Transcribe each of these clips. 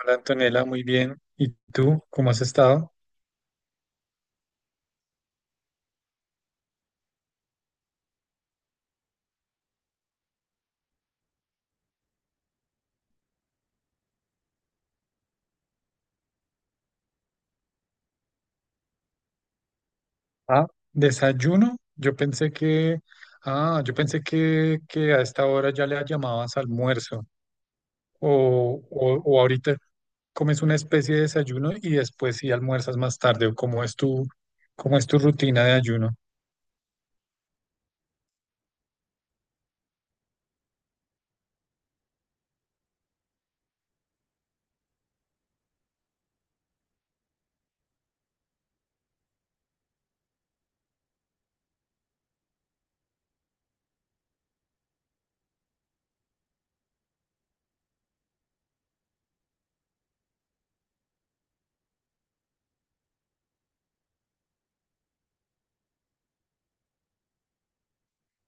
Hola Antonella, muy bien. ¿Y tú cómo has estado? Ah, desayuno. Yo pensé que a esta hora ya le llamabas almuerzo o ahorita comes una especie de desayuno y después sí almuerzas más tarde o cómo es tu rutina de ayuno.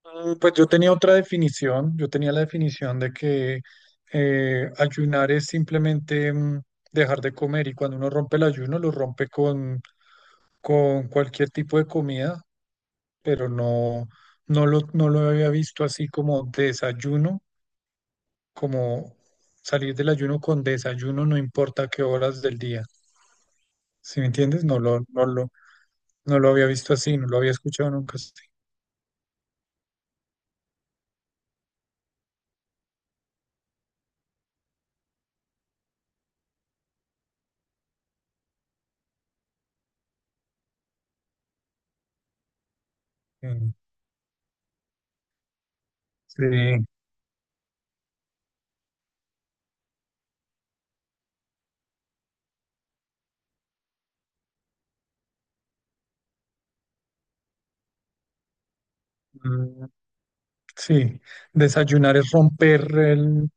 Pues yo tenía otra definición, yo tenía la definición de que ayunar es simplemente dejar de comer, y cuando uno rompe el ayuno lo rompe con cualquier tipo de comida, pero no, no lo había visto así como desayuno, como salir del ayuno con desayuno, no importa qué horas del día. ¿Sí me entiendes? No lo había visto así, no lo había escuchado nunca así. Mm, sí. Mm, sí, desayunar es romper el,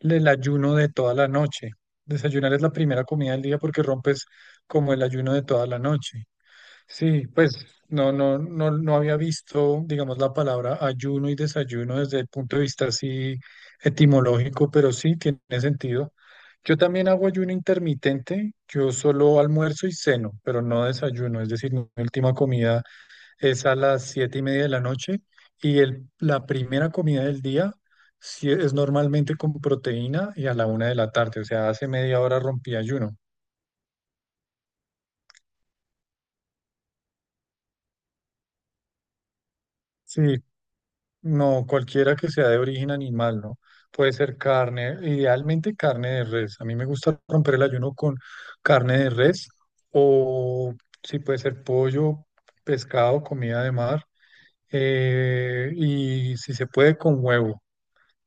el ayuno de toda la noche. Desayunar es la primera comida del día porque rompes como el ayuno de toda la noche. Sí, pues no, no, no, no había visto, digamos, la palabra ayuno y desayuno desde el punto de vista así etimológico, pero sí tiene sentido. Yo también hago ayuno intermitente, yo solo almuerzo y ceno, pero no desayuno, es decir, mi última comida es a las 7:30 de la noche, y la primera comida del día sí es normalmente con proteína y a la una de la tarde. O sea, hace media hora rompí ayuno. Sí, no, cualquiera que sea de origen animal, ¿no? Puede ser carne, idealmente carne de res. A mí me gusta romper el ayuno con carne de res, o sí puede ser pollo, pescado, comida de mar, y si se puede con huevo.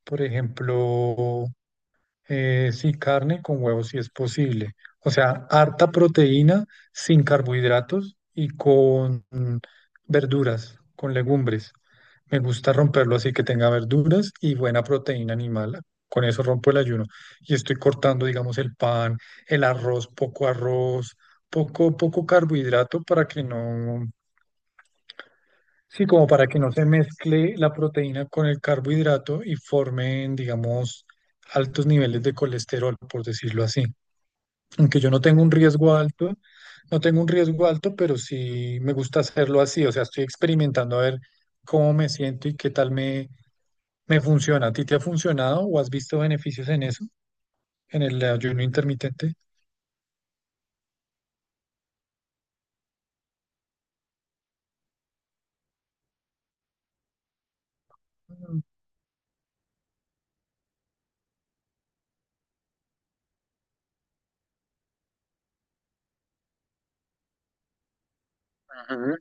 Por ejemplo, eh, sí, carne con huevos si es posible. O sea, harta proteína sin carbohidratos y con verduras, con legumbres. Me gusta romperlo así, que tenga verduras y buena proteína animal. Con eso rompo el ayuno. Y estoy cortando, digamos, el pan, el arroz, poco, poco carbohidrato para que no, sí, como para que no se mezcle la proteína con el carbohidrato y formen, digamos, altos niveles de colesterol, por decirlo así. Aunque yo no tengo un riesgo alto, no tengo un riesgo alto, pero sí me gusta hacerlo así. O sea, estoy experimentando a ver cómo me siento y qué tal me funciona. ¿A ti te ha funcionado o has visto beneficios en eso, en el ayuno intermitente? Ujú. Ah,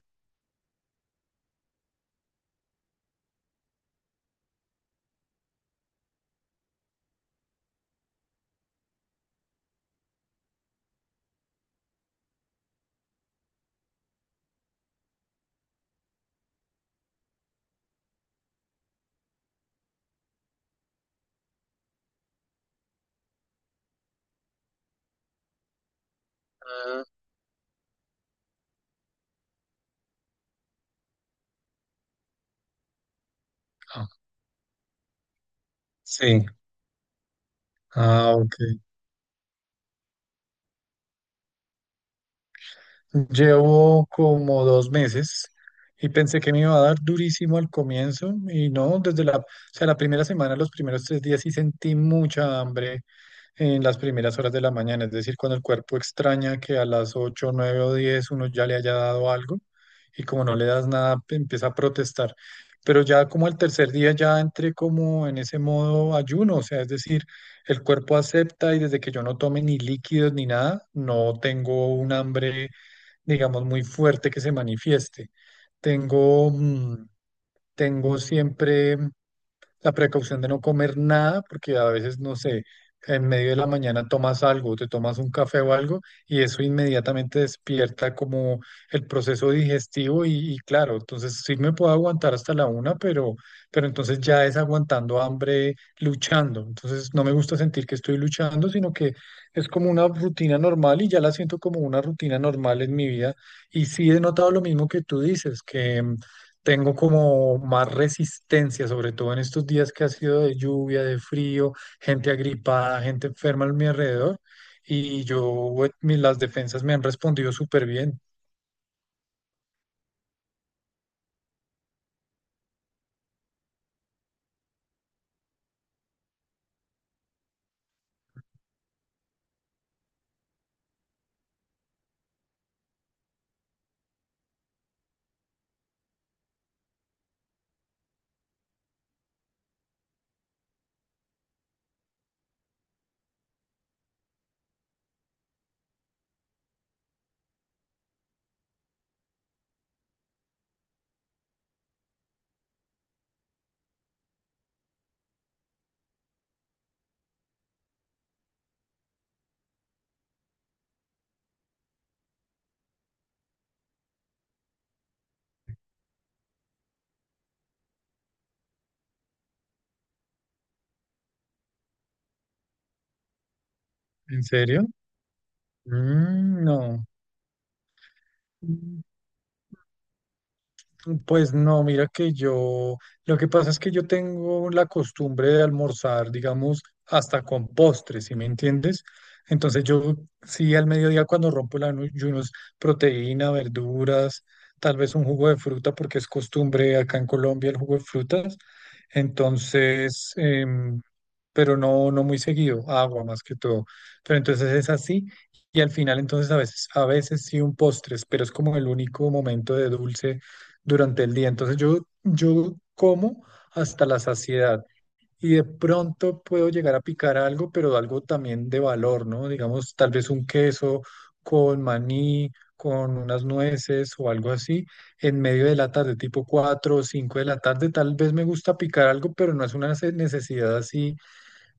sí. Ah, ok. Llevo como 2 meses y pensé que me iba a dar durísimo al comienzo, y no, desde la, o sea, la primera semana, los primeros 3 días sí sentí mucha hambre en las primeras horas de la mañana, es decir, cuando el cuerpo extraña que a las 8, 9 o 10 uno ya le haya dado algo, y como no le das nada empieza a protestar. Pero ya como el tercer día ya entré como en ese modo ayuno, o sea, es decir, el cuerpo acepta, y desde que yo no tome ni líquidos ni nada, no tengo un hambre, digamos, muy fuerte que se manifieste. Tengo, mm, tengo siempre la precaución de no comer nada, porque a veces, no sé, en medio de la mañana tomas algo, te tomas un café o algo, y eso inmediatamente despierta como el proceso digestivo, y claro, entonces sí me puedo aguantar hasta la una, pero entonces ya es aguantando hambre, luchando. Entonces no me gusta sentir que estoy luchando, sino que es como una rutina normal, y ya la siento como una rutina normal en mi vida. Y sí he notado lo mismo que tú dices, que tengo como más resistencia, sobre todo en estos días que ha sido de lluvia, de frío, gente agripada, gente enferma a mi alrededor. Y yo, las defensas me han respondido súper bien. ¿En serio? Mm, no. Pues no, mira que lo que pasa es que yo tengo la costumbre de almorzar, digamos, hasta con postres, ¿sí me entiendes? Entonces yo sí al mediodía, cuando rompo el ayuno, es proteína, verduras, tal vez un jugo de fruta, porque es costumbre acá en Colombia el jugo de frutas. Entonces, pero no, no muy seguido, agua más que todo. Pero entonces es así. Y al final entonces a veces, sí un postres, pero es como el único momento de dulce durante el día. Entonces yo como hasta la saciedad, y de pronto puedo llegar a picar algo, pero algo también de valor, ¿no? Digamos, tal vez un queso con maní, con unas nueces o algo así, en medio de la tarde, tipo 4 o 5 de la tarde, tal vez me gusta picar algo, pero no es una necesidad así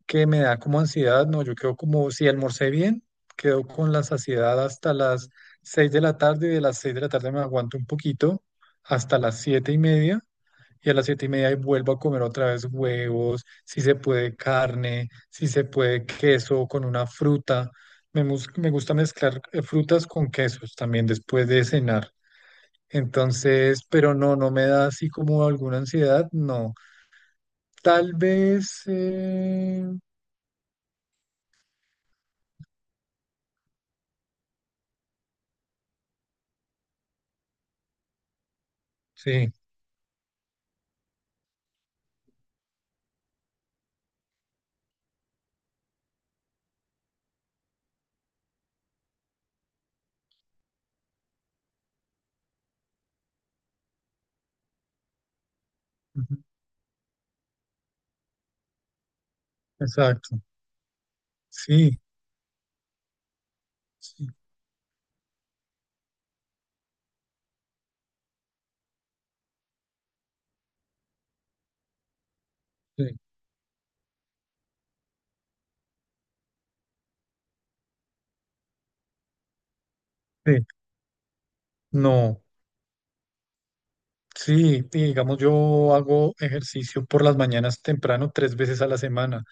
que me da como ansiedad. No, yo quedo como, si almorcé bien, quedo con la saciedad hasta las 6 de la tarde, y de las 6 de la tarde me aguanto un poquito, hasta las 7:30, y a las 7:30 vuelvo a comer otra vez huevos, si se puede carne, si se puede queso con una fruta. Me gusta mezclar frutas con quesos también después de cenar. Entonces, pero no me da así como alguna ansiedad, no. Tal vez, sí. Exacto. Sí, sí, sí, sí. No, sí, y digamos, yo hago ejercicio por las mañanas temprano 3 veces a la semana,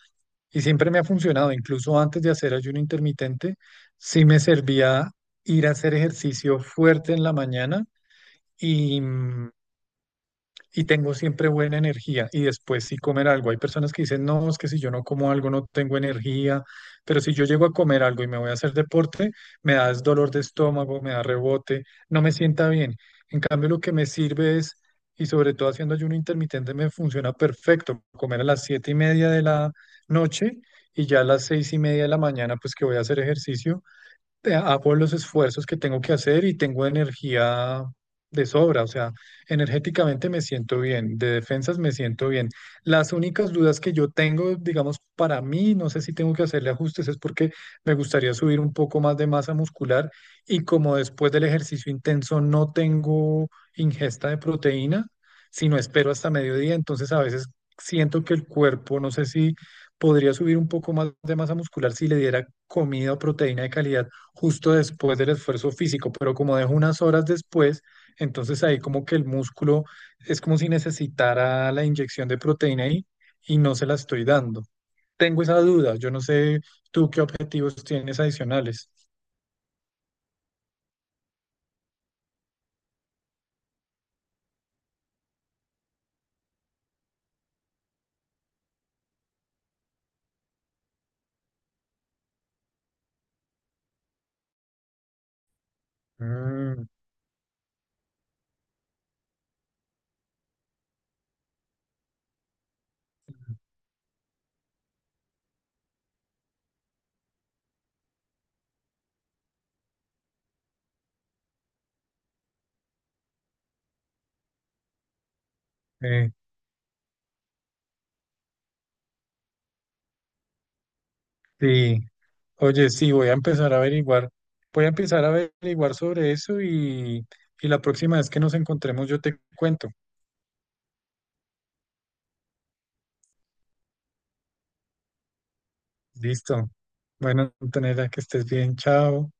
y siempre me ha funcionado. Incluso antes de hacer ayuno intermitente, sí me servía ir a hacer ejercicio fuerte en la mañana, y, mm, y tengo siempre buena energía y después sí comer algo. Hay personas que dicen, no, es que si yo no como algo no tengo energía, pero si yo llego a comer algo y me voy a hacer deporte, me da es dolor de estómago, me da rebote, no me sienta bien. En cambio, lo que me sirve es, y sobre todo haciendo ayuno intermitente me funciona perfecto, comer a las 7:30 de la noche, y ya a las 6:30 de la mañana, pues que voy a hacer ejercicio, hago los esfuerzos que tengo que hacer y tengo energía de sobra. O sea, energéticamente me siento bien, de defensas me siento bien. Las únicas dudas que yo tengo, digamos, para mí, no sé si tengo que hacerle ajustes, es porque me gustaría subir un poco más de masa muscular, y como después del ejercicio intenso no tengo ingesta de proteína, sino espero hasta mediodía, entonces a veces siento que el cuerpo, no sé si podría subir un poco más de masa muscular si le diera comida o proteína de calidad justo después del esfuerzo físico, pero como dejo unas horas después, entonces ahí como que el músculo es como si necesitara la inyección de proteína ahí y no se la estoy dando. Tengo esa duda, yo no sé tú qué objetivos tienes adicionales. Mm, eh, sí, oye, sí, voy a empezar a averiguar, sobre eso, y la próxima vez que nos encontremos yo te cuento. Listo. Bueno, Antonella, que estés bien, chao.